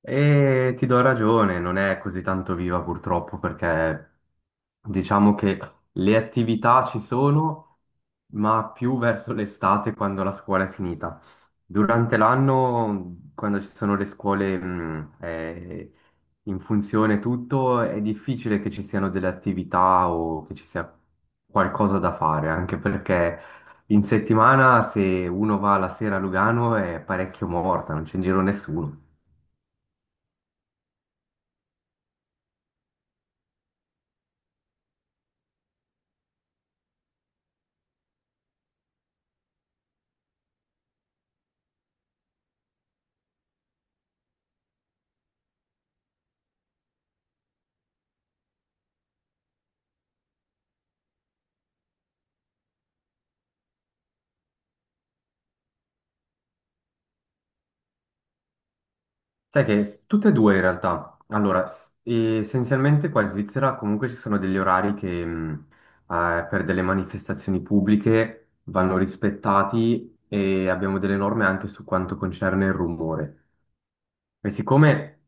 E ti do ragione, non è così tanto viva purtroppo perché diciamo che le attività ci sono, ma più verso l'estate quando la scuola è finita. Durante l'anno, quando ci sono le scuole in funzione tutto, è difficile che ci siano delle attività o che ci sia qualcosa da fare, anche perché in settimana se uno va la sera a Lugano è parecchio morta, non c'è in giro nessuno. Sai che tutte e due in realtà. Allora, essenzialmente qua in Svizzera comunque ci sono degli orari che per delle manifestazioni pubbliche vanno rispettati e abbiamo delle norme anche su quanto concerne il rumore. E siccome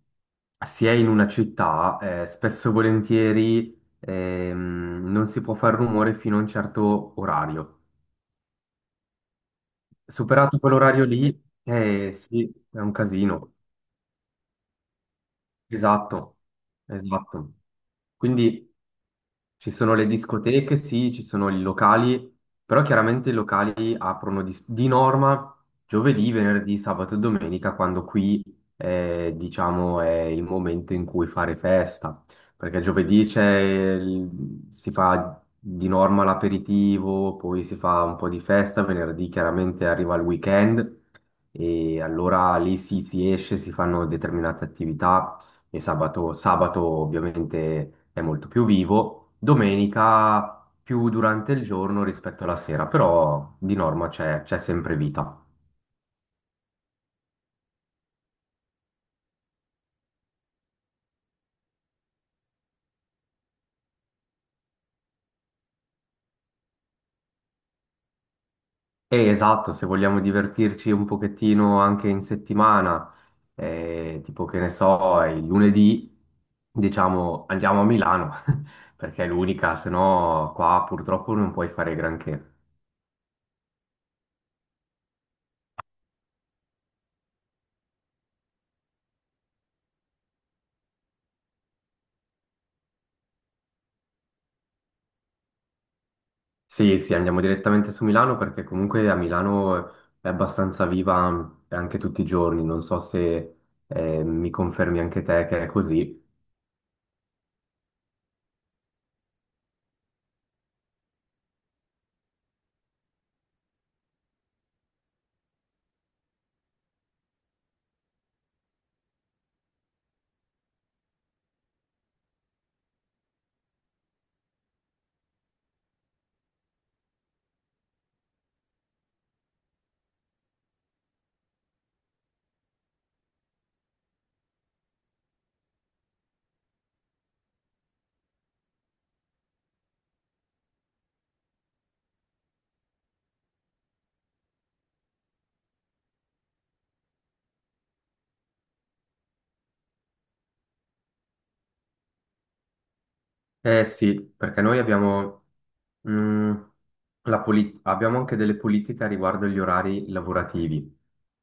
si è in una città, spesso e volentieri non si può fare rumore fino a un certo orario. Superato quell'orario lì, sì, è un casino. Esatto, esatto. Quindi ci sono le discoteche, sì, ci sono i locali, però chiaramente i locali aprono di norma giovedì, venerdì, sabato e domenica, quando qui diciamo è il momento in cui fare festa, perché giovedì c'è si fa di norma l'aperitivo, poi si fa un po' di festa, venerdì chiaramente arriva il weekend e allora lì si esce, si fanno determinate attività. E sabato, sabato ovviamente è molto più vivo, domenica più durante il giorno rispetto alla sera, però di norma c'è sempre vita. Esatto, se vogliamo divertirci un pochettino anche in settimana, tipo che ne so, il lunedì, diciamo andiamo a Milano, perché è l'unica, se no qua purtroppo non puoi fare granché. Sì, sì, andiamo direttamente su Milano perché comunque a Milano è abbastanza viva anche tutti i giorni. Non so se mi confermi anche te che è così. Eh sì, perché noi abbiamo, mm, abbiamo anche delle politiche riguardo agli orari lavorativi.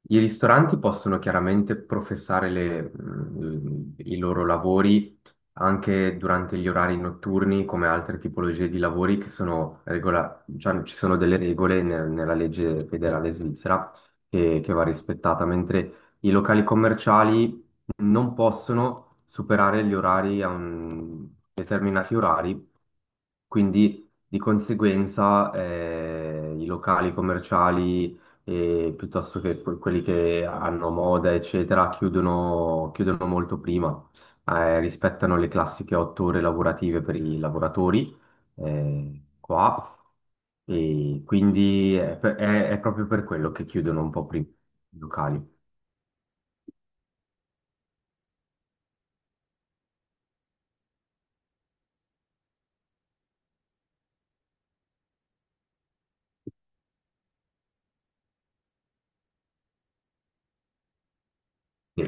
I ristoranti possono chiaramente professare i loro lavori anche durante gli orari notturni, come altre tipologie di lavori che sono cioè, ci sono delle regole nella legge federale svizzera che va rispettata, mentre i locali commerciali non possono superare gli orari determinati orari, quindi di conseguenza i locali commerciali piuttosto che quelli che hanno moda, eccetera, chiudono molto prima, rispettano le classiche otto ore lavorative per i lavoratori qua. E quindi è proprio per quello che chiudono un po' prima i locali. Sì,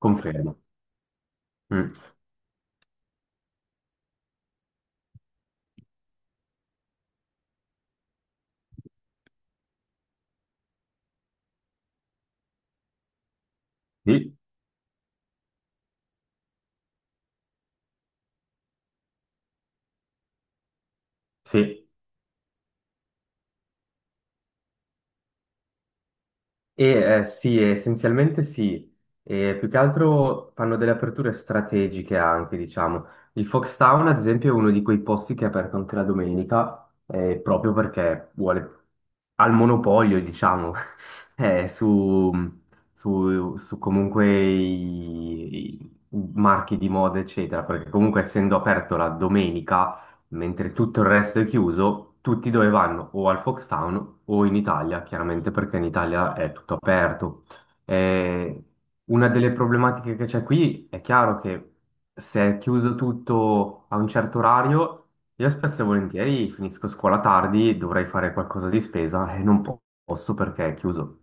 confermo. Mm. Sì, sì. E, sì, essenzialmente sì. E più che altro fanno delle aperture strategiche anche, diciamo. Il Foxtown, ad esempio, è uno di quei posti che è aperto anche la domenica, proprio perché vuole al monopolio, diciamo, eh, su, su comunque i marchi di moda, eccetera, perché comunque essendo aperto la domenica mentre tutto il resto è chiuso, tutti dove vanno? O al Foxtown o in Italia, chiaramente perché in Italia è tutto aperto. Eh, una delle problematiche che c'è qui è chiaro che se è chiuso tutto a un certo orario, io spesso e volentieri finisco scuola tardi, dovrei fare qualcosa di spesa e non posso perché è chiuso.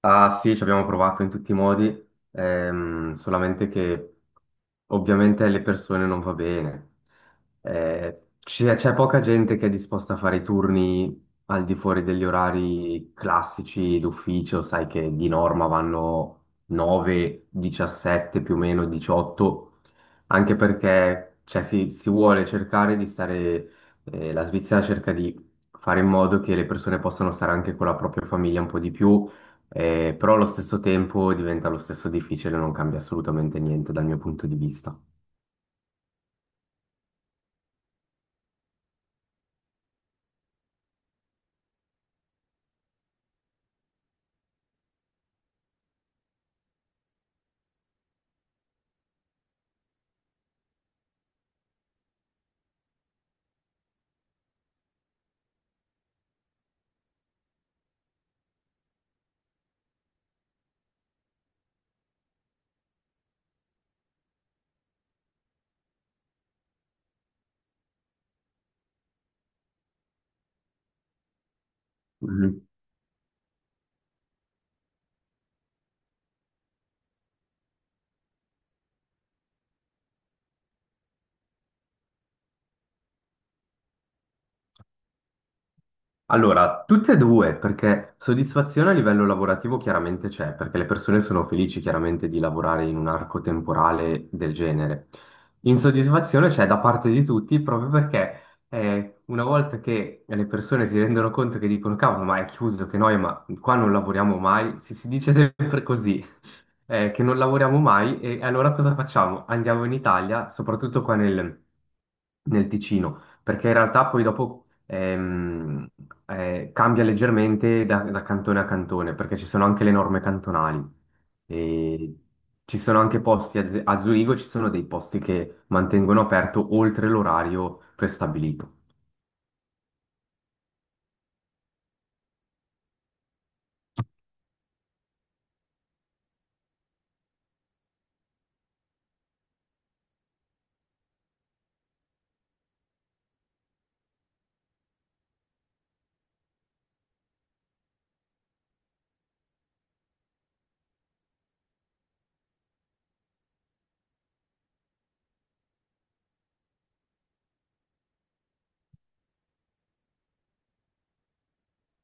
Ah sì, ci abbiamo provato in tutti i modi, solamente che ovviamente alle persone non va bene. C'è poca gente che è disposta a fare i turni al di fuori degli orari classici d'ufficio. Sai che di norma vanno 9, 17 più o meno, 18, anche perché cioè, si si vuole cercare di stare, la Svizzera cerca di fare in modo che le persone possano stare anche con la propria famiglia un po' di più, però allo stesso tempo diventa lo stesso difficile, non cambia assolutamente niente dal mio punto di vista. Mhm. Allora, tutte e due, perché soddisfazione a livello lavorativo chiaramente c'è, perché le persone sono felici chiaramente di lavorare in un arco temporale del genere. Insoddisfazione c'è da parte di tutti proprio perché una volta che le persone si rendono conto che dicono cavolo, ma è chiuso, che noi, ma qua non lavoriamo mai, si dice sempre così, che non lavoriamo mai e allora cosa facciamo? Andiamo in Italia, soprattutto qua nel Ticino, perché in realtà poi dopo cambia leggermente da cantone a cantone, perché ci sono anche le norme cantonali. E ci sono anche posti a Zurigo, ci sono dei posti che mantengono aperto oltre l'orario prestabilito.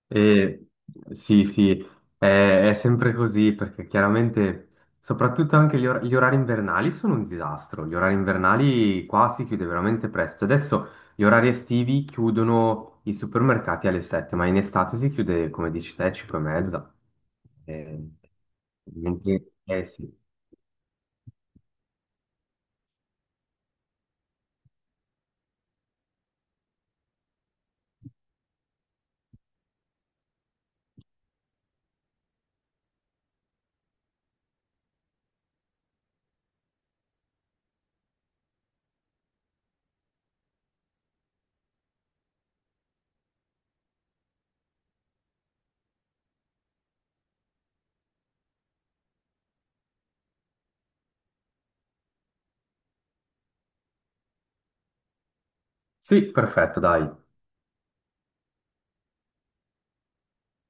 E sì, sì, è sempre così perché chiaramente, soprattutto anche gli orari invernali sono un disastro. Gli orari invernali qua si chiude veramente presto. Adesso gli orari estivi chiudono i supermercati alle 7, ma in estate si chiude, come dici te, 5 e mezza. Eh, eh sì. Sì, perfetto, dai.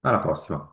Alla prossima.